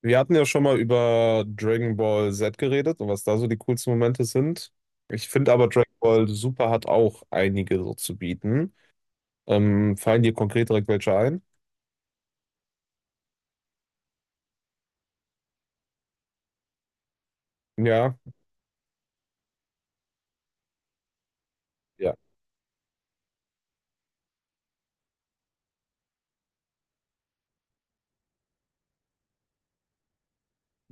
Wir hatten ja schon mal über Dragon Ball Z geredet und was da so die coolsten Momente sind. Ich finde aber Dragon Ball Super hat auch einige so zu bieten. Fallen dir konkret direkt welche ein? Ja, ja.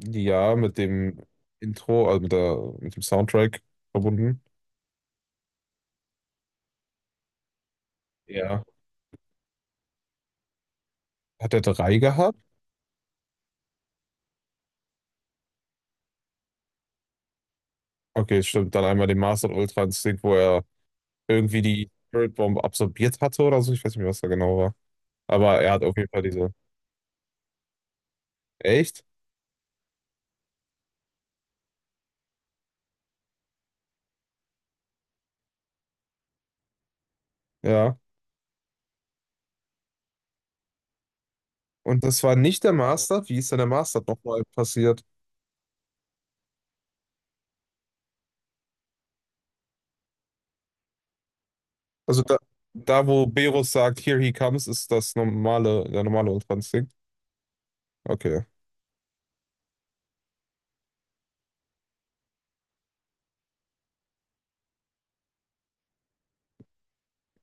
Ja, mit dem Intro, also mit dem Soundtrack verbunden. Ja. Hat er drei gehabt? Okay, stimmt. Dann einmal den Master Ultra Instinct, wo er irgendwie die Spirit Bomb absorbiert hatte oder so. Ich weiß nicht mehr, was da genau war. Aber er hat auf jeden Fall diese. Echt? Ja. Und das war nicht der Master. Wie ist denn der Master nochmal passiert? Also da wo Berus sagt, Here he comes, ist das normale, der normale ultrans. Okay,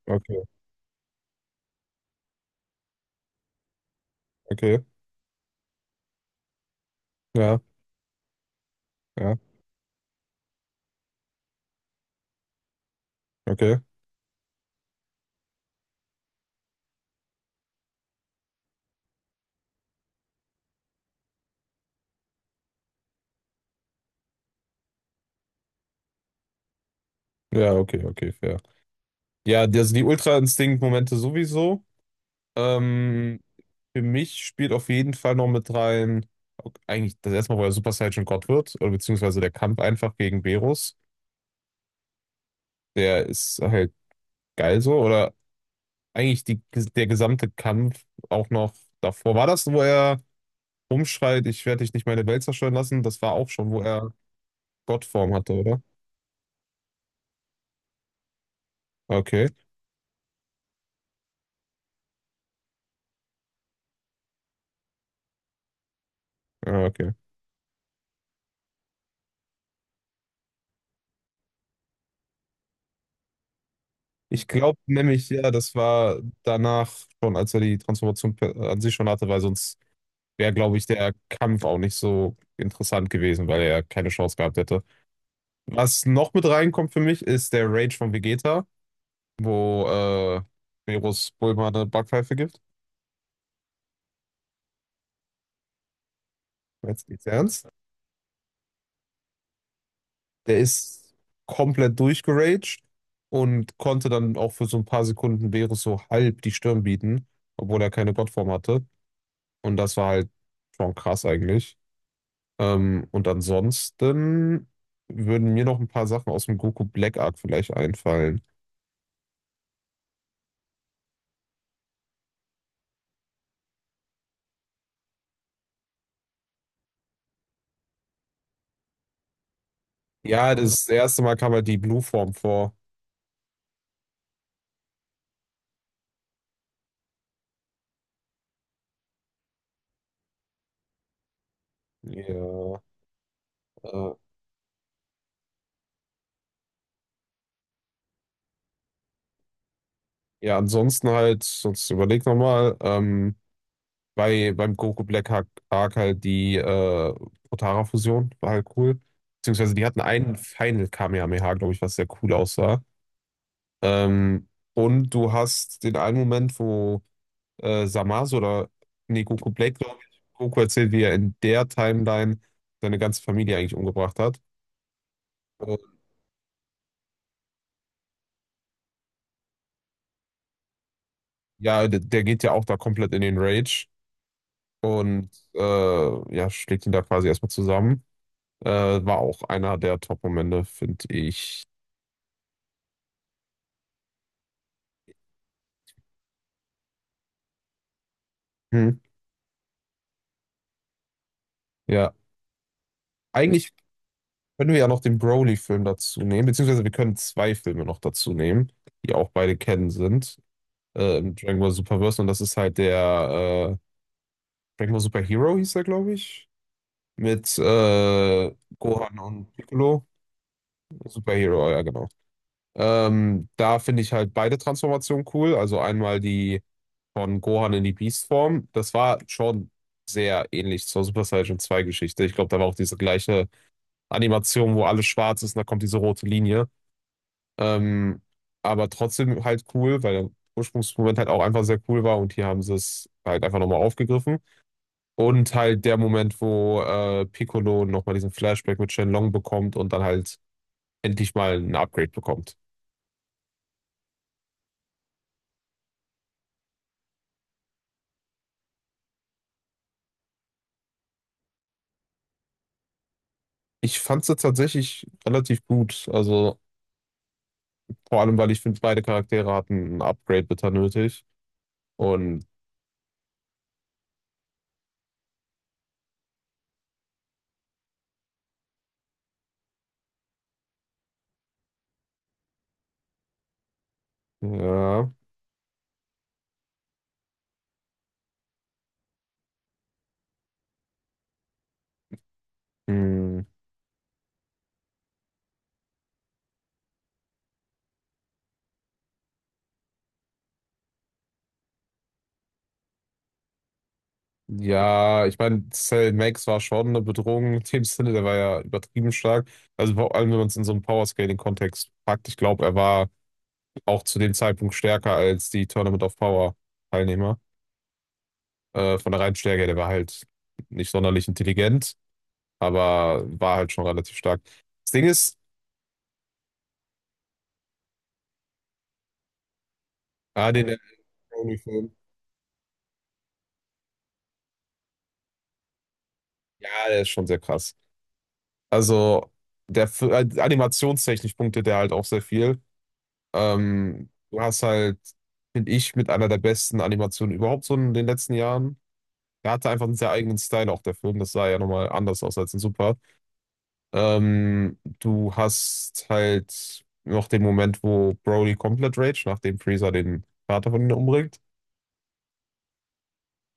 okay, okay. Ja, ja, okay. Ja, okay, okay, fair. Ja, also die Ultra-Instinkt-Momente sowieso. Ähm, für mich spielt auf jeden Fall noch mit rein, ok, eigentlich das erste Mal, wo er Super Saiyan Gott wird, oder beziehungsweise der Kampf einfach gegen Berus. Der ist halt geil so, oder eigentlich der gesamte Kampf auch noch davor. War das, wo er rumschreit, ich werde dich nicht meine Welt zerstören lassen? Das war auch schon, wo er Gottform hatte, oder? Okay, ah, okay. Ich glaube nämlich, ja, das war danach schon, als er die Transformation an sich schon hatte, weil sonst wäre, glaube ich, der Kampf auch nicht so interessant gewesen, weil er keine Chance gehabt hätte. Was noch mit reinkommt für mich, ist der Rage von Vegeta, wo Meerus Bulma eine Backpfeife gibt. Jetzt geht's ernst. Der ist komplett durchgeraged und konnte dann auch für so ein paar Sekunden Beerus so halb die Stirn bieten, obwohl er keine Gottform hatte. Und das war halt schon krass eigentlich. Und ansonsten würden mir noch ein paar Sachen aus dem Goku Black Arc vielleicht einfallen. Ja, das erste Mal kam halt die Blue-Form vor. Ja, äh, ja, ansonsten halt, sonst überleg nochmal. Beim Goku Black Arc halt die Potara-Fusion, war halt cool. Beziehungsweise die hatten einen Final Kamehameha, glaube ich, was sehr cool aussah. Ähm, und du hast den einen Moment, wo Zamasu oder nee, Goku Black, glaube ich, Goku erzählt, wie er in der Timeline seine ganze Familie eigentlich umgebracht hat. Und ja, der geht ja auch da komplett in den Rage und ja, schlägt ihn da quasi erstmal zusammen. War auch einer der Top-Momente, finde ich. Hm. Ja. Eigentlich können wir ja noch den Broly-Film dazu nehmen, beziehungsweise wir können zwei Filme noch dazu nehmen, die auch beide kennen sind. Im Dragon Ball Superverse und das ist halt der Dragon Ball Super Hero hieß er, glaube ich. Mit Gohan und Piccolo. Super Hero, ja genau. Da finde ich halt beide Transformationen cool. Also einmal die von Gohan in die Beast-Form. Das war schon sehr ähnlich zur Super Saiyan zwei Geschichte. Ich glaube, da war auch diese gleiche Animation, wo alles schwarz ist und da kommt diese rote Linie. Ähm, aber trotzdem halt cool, weil der Ursprungsmoment halt auch einfach sehr cool war und hier haben sie es halt einfach nochmal aufgegriffen. Und halt der Moment, wo Piccolo nochmal diesen Flashback mit Shenlong bekommt und dann halt endlich mal ein Upgrade bekommt. Ich fand sie tatsächlich relativ gut. Also vor allem, weil ich finde, beide Charaktere hatten ein Upgrade bitter nötig. Und ja. Hm. Ja, ich meine, Cell Max war schon eine Bedrohung in dem Sinne, der war ja übertrieben stark. Also vor allem, wenn man es in so einen Power-Scaling-Kontext packt, ich glaube, er war auch zu dem Zeitpunkt stärker als die Tournament of Power-Teilnehmer. Von der reinen Stärke her, der war halt nicht sonderlich intelligent, aber war halt schon relativ stark. Das Ding ist, ah, den Animation, ja, der ist schon sehr krass. Also, animationstechnisch punktet der halt auch sehr viel. Du hast halt, finde ich, mit einer der besten Animationen überhaupt so in den letzten Jahren. Er hatte einfach einen sehr eigenen Style auch der Film. Das sah ja nochmal anders aus als in Super. Du hast halt noch den Moment, wo Broly komplett rage, nachdem Freezer den Vater von ihm umbringt.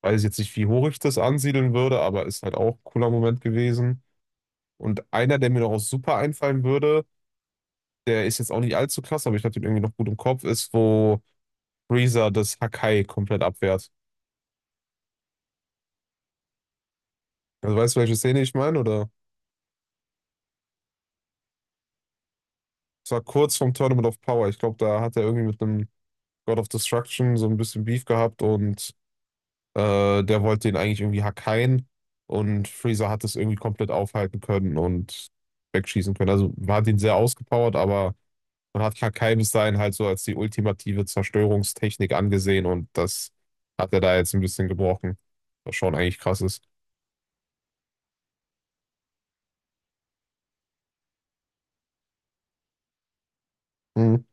Weiß jetzt nicht, wie hoch ich das ansiedeln würde, aber ist halt auch ein cooler Moment gewesen. Und einer, der mir noch aus Super einfallen würde, der ist jetzt auch nicht allzu krass, aber ich hatte ihn irgendwie noch gut im Kopf, ist, wo Freezer das Hakai komplett abwehrt. Also weißt du, welche Szene ich meine? Oder es war kurz vom Tournament of Power. Ich glaube, da hat er irgendwie mit einem God of Destruction so ein bisschen Beef gehabt und der wollte ihn eigentlich irgendwie hackeien und Freezer hat es irgendwie komplett aufhalten können und wegschießen können. Also man hat ihn sehr ausgepowert, aber man hat Hakai bis dahin halt so als die ultimative Zerstörungstechnik angesehen und das hat er da jetzt ein bisschen gebrochen, was schon eigentlich krass ist. Mhm.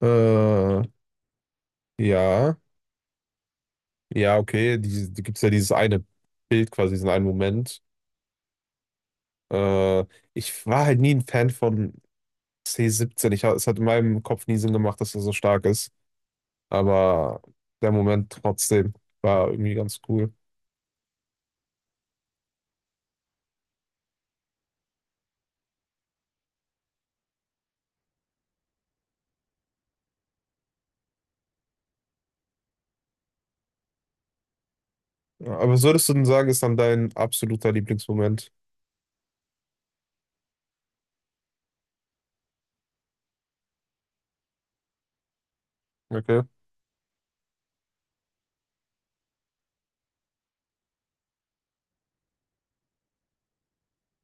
Äh, ja. Ja, okay, die gibt es ja dieses eine Bild quasi, diesen einen Moment. Äh, ich war halt nie ein Fan von C17. Es hat in meinem Kopf nie Sinn gemacht, dass er so stark ist. Aber der Moment trotzdem war irgendwie ganz cool. Ja, aber was würdest du denn sagen, ist dann dein absoluter Lieblingsmoment? Okay.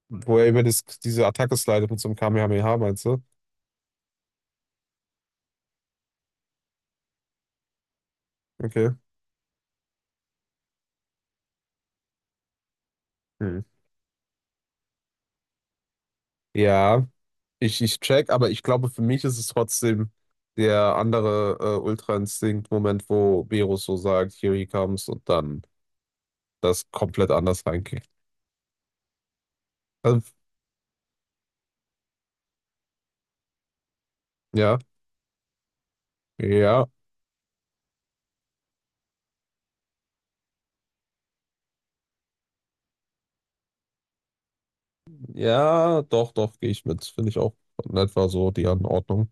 Wo er über das, diese Attacke slidet mit so einem Kamehameha, meinst du? Okay. Hm. Ja. Ich check, aber ich glaube, für mich ist es trotzdem der andere Ultra-Instinkt-Moment, wo Beerus so sagt, here he comes und dann das komplett anders reingeht. Also, ja, ja, ja, doch, doch, gehe ich mit. Finde ich auch in etwa so die Anordnung.